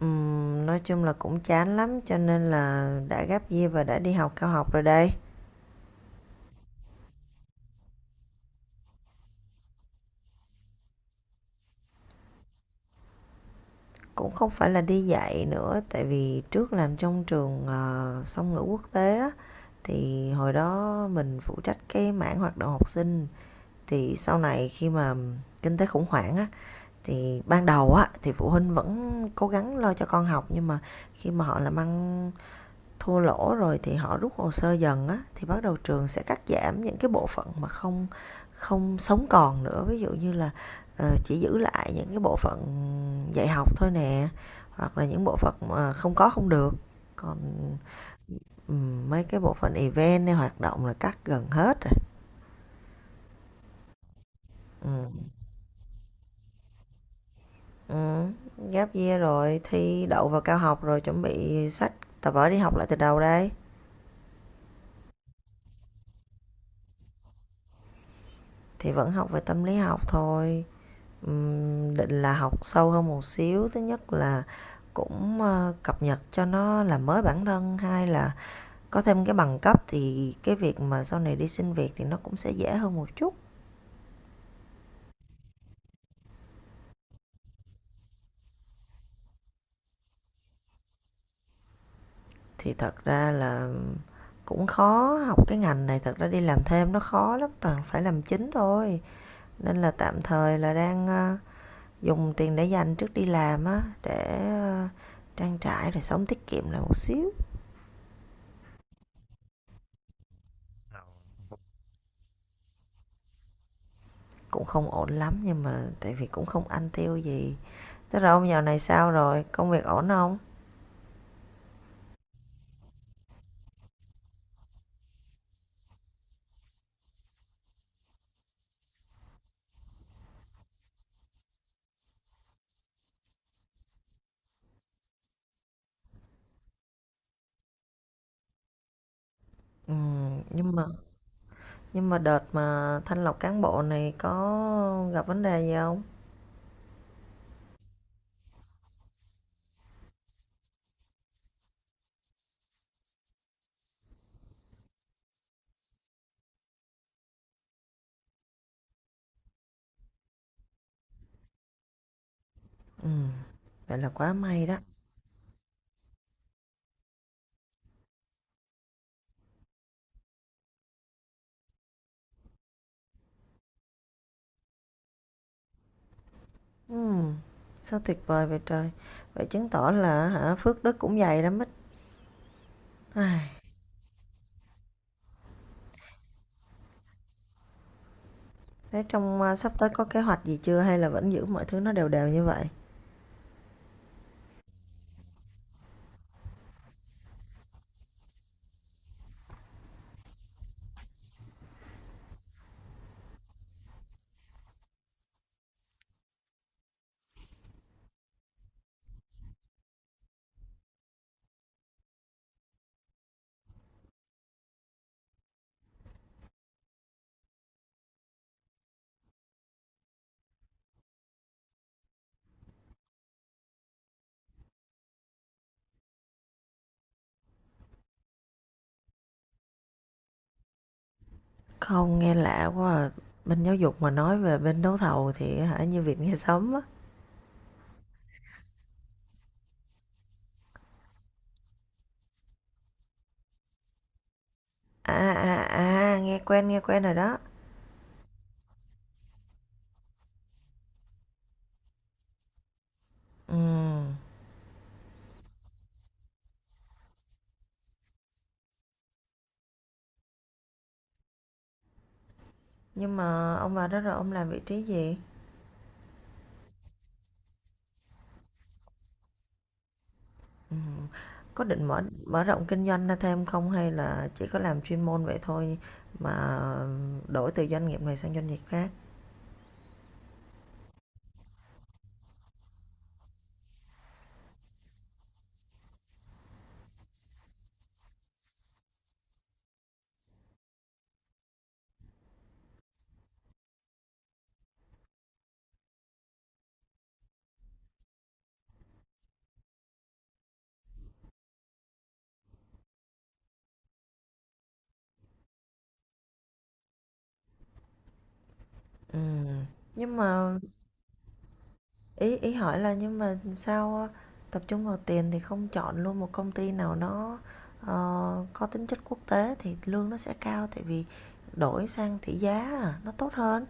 Nói chung là cũng chán lắm cho nên là đã gap year và đã đi học cao học rồi đây. Cũng không phải là đi dạy nữa tại vì trước làm trong trường song ngữ quốc tế á thì hồi đó mình phụ trách cái mảng hoạt động học sinh thì sau này khi mà kinh tế khủng hoảng á thì ban đầu á thì phụ huynh vẫn cố gắng lo cho con học nhưng mà khi mà họ làm ăn thua lỗ rồi thì họ rút hồ sơ dần á thì bắt đầu trường sẽ cắt giảm những cái bộ phận mà không không sống còn nữa, ví dụ như là chỉ giữ lại những cái bộ phận dạy học thôi nè, hoặc là những bộ phận mà không có không được, còn mấy cái bộ phận event hay hoạt động là cắt gần hết rồi. Ừ. Ừ. Gap year rồi thi đậu vào cao học rồi chuẩn bị sách tập vở đi học lại từ đầu đây, thì vẫn học về tâm lý học thôi, định là học sâu hơn một xíu. Thứ nhất là cũng, cập nhật cho nó làm mới bản thân; hai là có thêm cái bằng cấp thì cái việc mà sau này đi xin việc thì nó cũng sẽ dễ hơn một chút. Thì thật ra là cũng khó, học cái ngành này thật ra đi làm thêm nó khó lắm, toàn phải làm chính thôi. Nên là tạm thời là đang, ờ, dùng tiền để dành trước đi làm á, để, ờ, trang trải rồi sống tiết kiệm lại một xíu. Cũng không ổn lắm nhưng mà tại vì cũng không ăn tiêu gì. Thế rồi ông dạo này sao rồi? Công việc ổn không? Ừ, nhưng mà nhưng mà đợt mà thanh lọc cán bộ này có gặp vấn đề gì không? Ừ, vậy là quá may đó. Ừ, sao tuyệt vời vậy trời. Vậy chứng tỏ là hả, phước đức cũng dày lắm ít. Ai, thế trong à, sắp tới có kế hoạch gì chưa hay là vẫn giữ mọi thứ nó đều đều như vậy? Không, nghe lạ quá à. Bên giáo dục mà nói về bên đấu thầu thì hả, như việc nghe sớm á. À à à, nghe quen rồi đó. Ừ. Nhưng mà ông vào đó rồi ông làm vị trí gì? Ừm. Có định mở mở rộng kinh doanh ra thêm không, hay là chỉ có làm chuyên môn vậy thôi mà đổi từ doanh nghiệp này sang doanh nghiệp khác? Ừm. Nhưng mà ý ý hỏi là, nhưng mà sao tập trung vào tiền thì không chọn luôn một công ty nào nó ờ, có tính chất quốc tế thì lương nó sẽ cao, tại vì đổi sang tỷ giá à, nó tốt hơn.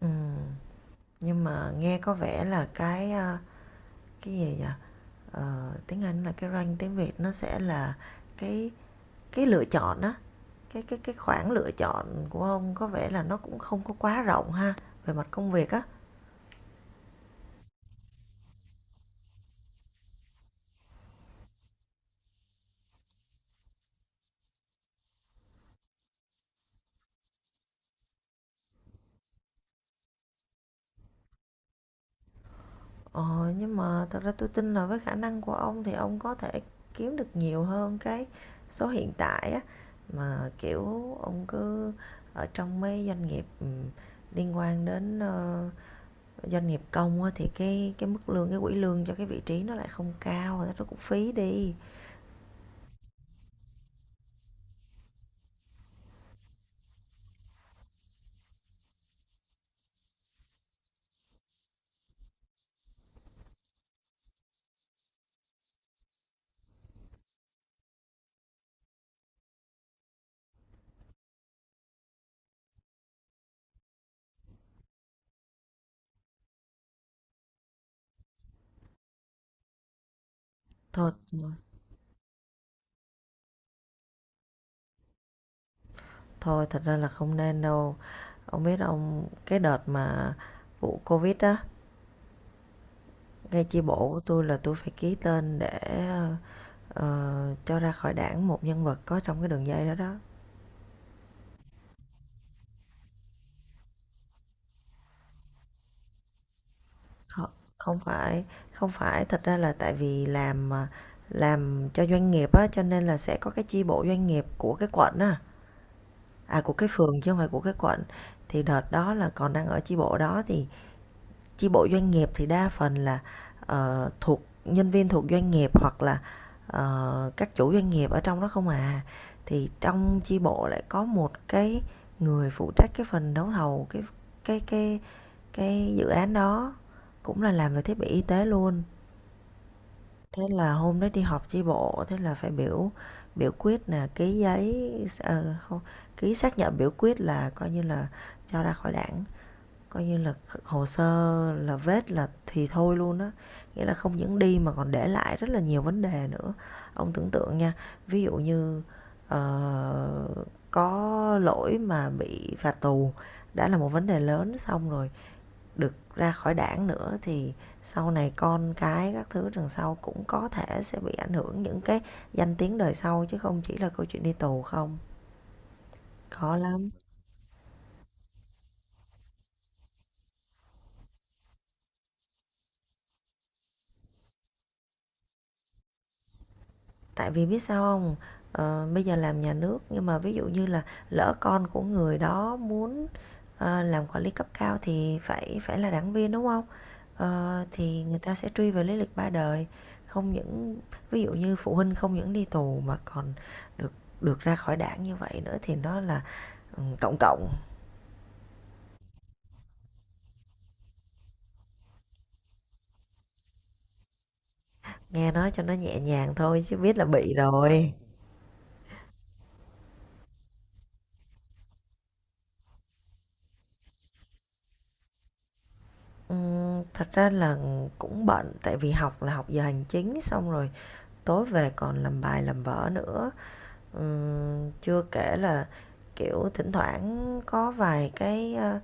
Ừm. Nhưng mà nghe có vẻ là cái cái gì vậy, tiếng Anh là cái range, tiếng Việt nó sẽ là cái cái lựa chọn á, cái cái khoảng lựa chọn của ông có vẻ là nó cũng không có quá rộng ha, về mặt công việc á. Ờ, nhưng mà thật ra tôi tin là với khả năng của ông thì ông có thể kiếm được nhiều hơn cái số hiện tại á, mà kiểu ông cứ ở trong mấy doanh nghiệp liên quan đến doanh nghiệp công á, thì cái mức lương, cái quỹ lương cho cái vị trí nó lại không cao rồi, nó cũng phí đi thôi. Ờ, Thôi thật ra là không nên đâu. Ông biết ông cái đợt mà vụ Covid á, ngay chi bộ của tôi là tôi phải ký tên để ờ, cho ra khỏi đảng một nhân vật có trong cái đường dây đó đó. Không, không phải, không phải, thật ra là tại vì làm cho doanh nghiệp á, cho nên là sẽ có cái chi bộ doanh nghiệp của cái quận á, à, của cái phường chứ không phải của cái quận. Thì đợt đó là còn đang ở chi bộ đó thì chi bộ doanh nghiệp thì đa phần là thuộc nhân viên thuộc doanh nghiệp, hoặc là các chủ doanh nghiệp ở trong đó không à, thì trong chi bộ lại có một cái người phụ trách cái phần đấu thầu, cái cái cái cái dự án đó cũng là làm về thiết bị y tế luôn. Thế là hôm đó đi họp chi bộ, thế là phải biểu biểu quyết là ký giấy, không, ký xác nhận biểu quyết là coi như là cho ra khỏi đảng. Coi như là hồ sơ là vết, là thì thôi luôn á, nghĩa là không những đi mà còn để lại rất là nhiều vấn đề nữa. Ông tưởng tượng nha, ví dụ như, ờ, có lỗi mà bị phạt tù đã là một vấn đề lớn, xong rồi được ra khỏi đảng nữa thì sau này con cái các thứ đằng sau cũng có thể sẽ bị ảnh hưởng, những cái danh tiếng đời sau chứ không chỉ là câu chuyện đi tù không. Khó lắm. Tại vì biết sao không, bây giờ làm nhà nước nhưng mà ví dụ như là lỡ con của người đó muốn làm quản lý cấp cao thì phải phải là đảng viên đúng không. Ờ, thì người ta sẽ truy về lý lịch ba đời, không những ví dụ như phụ huynh không những đi tù mà còn được được ra khỏi đảng như vậy nữa thì nó là cộng cộng, nghe nói cho nó nhẹ nhàng thôi chứ biết là bị rồi. Thật ra là cũng bận tại vì học là học giờ hành chính, xong rồi tối về còn làm bài làm vở nữa. Chưa kể là kiểu thỉnh thoảng có vài cái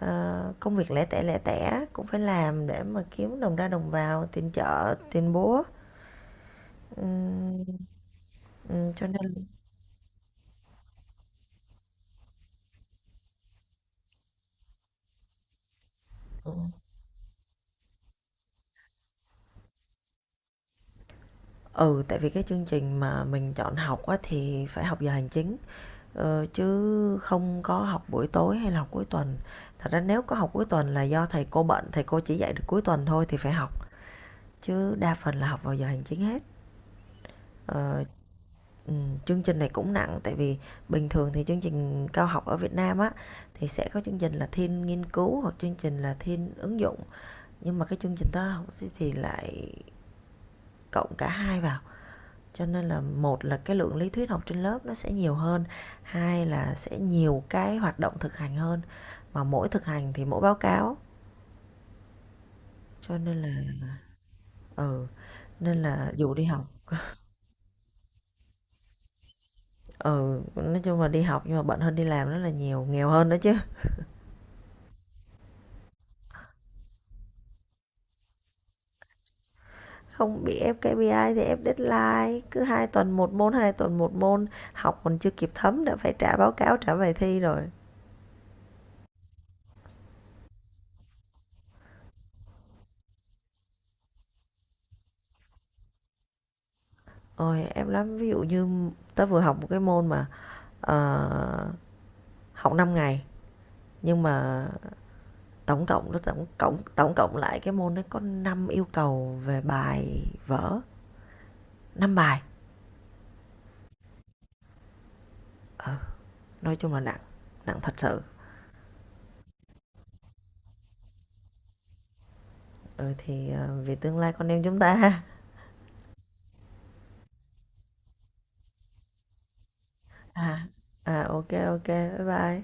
công việc lẻ tẻ cũng phải làm để mà kiếm đồng ra đồng vào tiền chợ tiền búa. Ừm, cho nên ừ tại vì cái chương trình mà mình chọn học á, thì phải học giờ hành chính, chứ không có học buổi tối hay là học cuối tuần. Thật ra nếu có học cuối tuần là do thầy cô bận, thầy cô chỉ dạy được cuối tuần thôi thì phải học, chứ đa phần là học vào giờ hành chính hết. Ờ, chương trình này cũng nặng, tại vì bình thường thì chương trình cao học ở Việt Nam á thì sẽ có chương trình là thiên nghiên cứu hoặc chương trình là thiên ứng dụng, nhưng mà cái chương trình toán học thì lại cộng cả hai vào. Cho nên là, một là cái lượng lý thuyết học trên lớp nó sẽ nhiều hơn, hai là sẽ nhiều cái hoạt động thực hành hơn, mà mỗi thực hành thì mỗi báo cáo, cho nên là ừ, nên là dù đi học. Ừ, nói chung là đi học nhưng mà bận hơn đi làm rất là nhiều, nghèo hơn nữa chứ. Không bị ép KPI thì ép deadline, cứ 2 tuần một môn, 2 tuần một môn, học còn chưa kịp thấm đã phải trả báo cáo, trả bài thi rồi. Ôi em lắm, ví dụ như tớ vừa học một cái môn mà ờ, học 5 ngày, nhưng mà tổng cộng nó tổng cộng lại cái môn nó có 5 yêu cầu về bài vở, 5 bài. Ờ, nói chung là nặng, nặng thật sự. Ừ thì vì tương lai con em chúng ta. À à, ok ok, bye bye.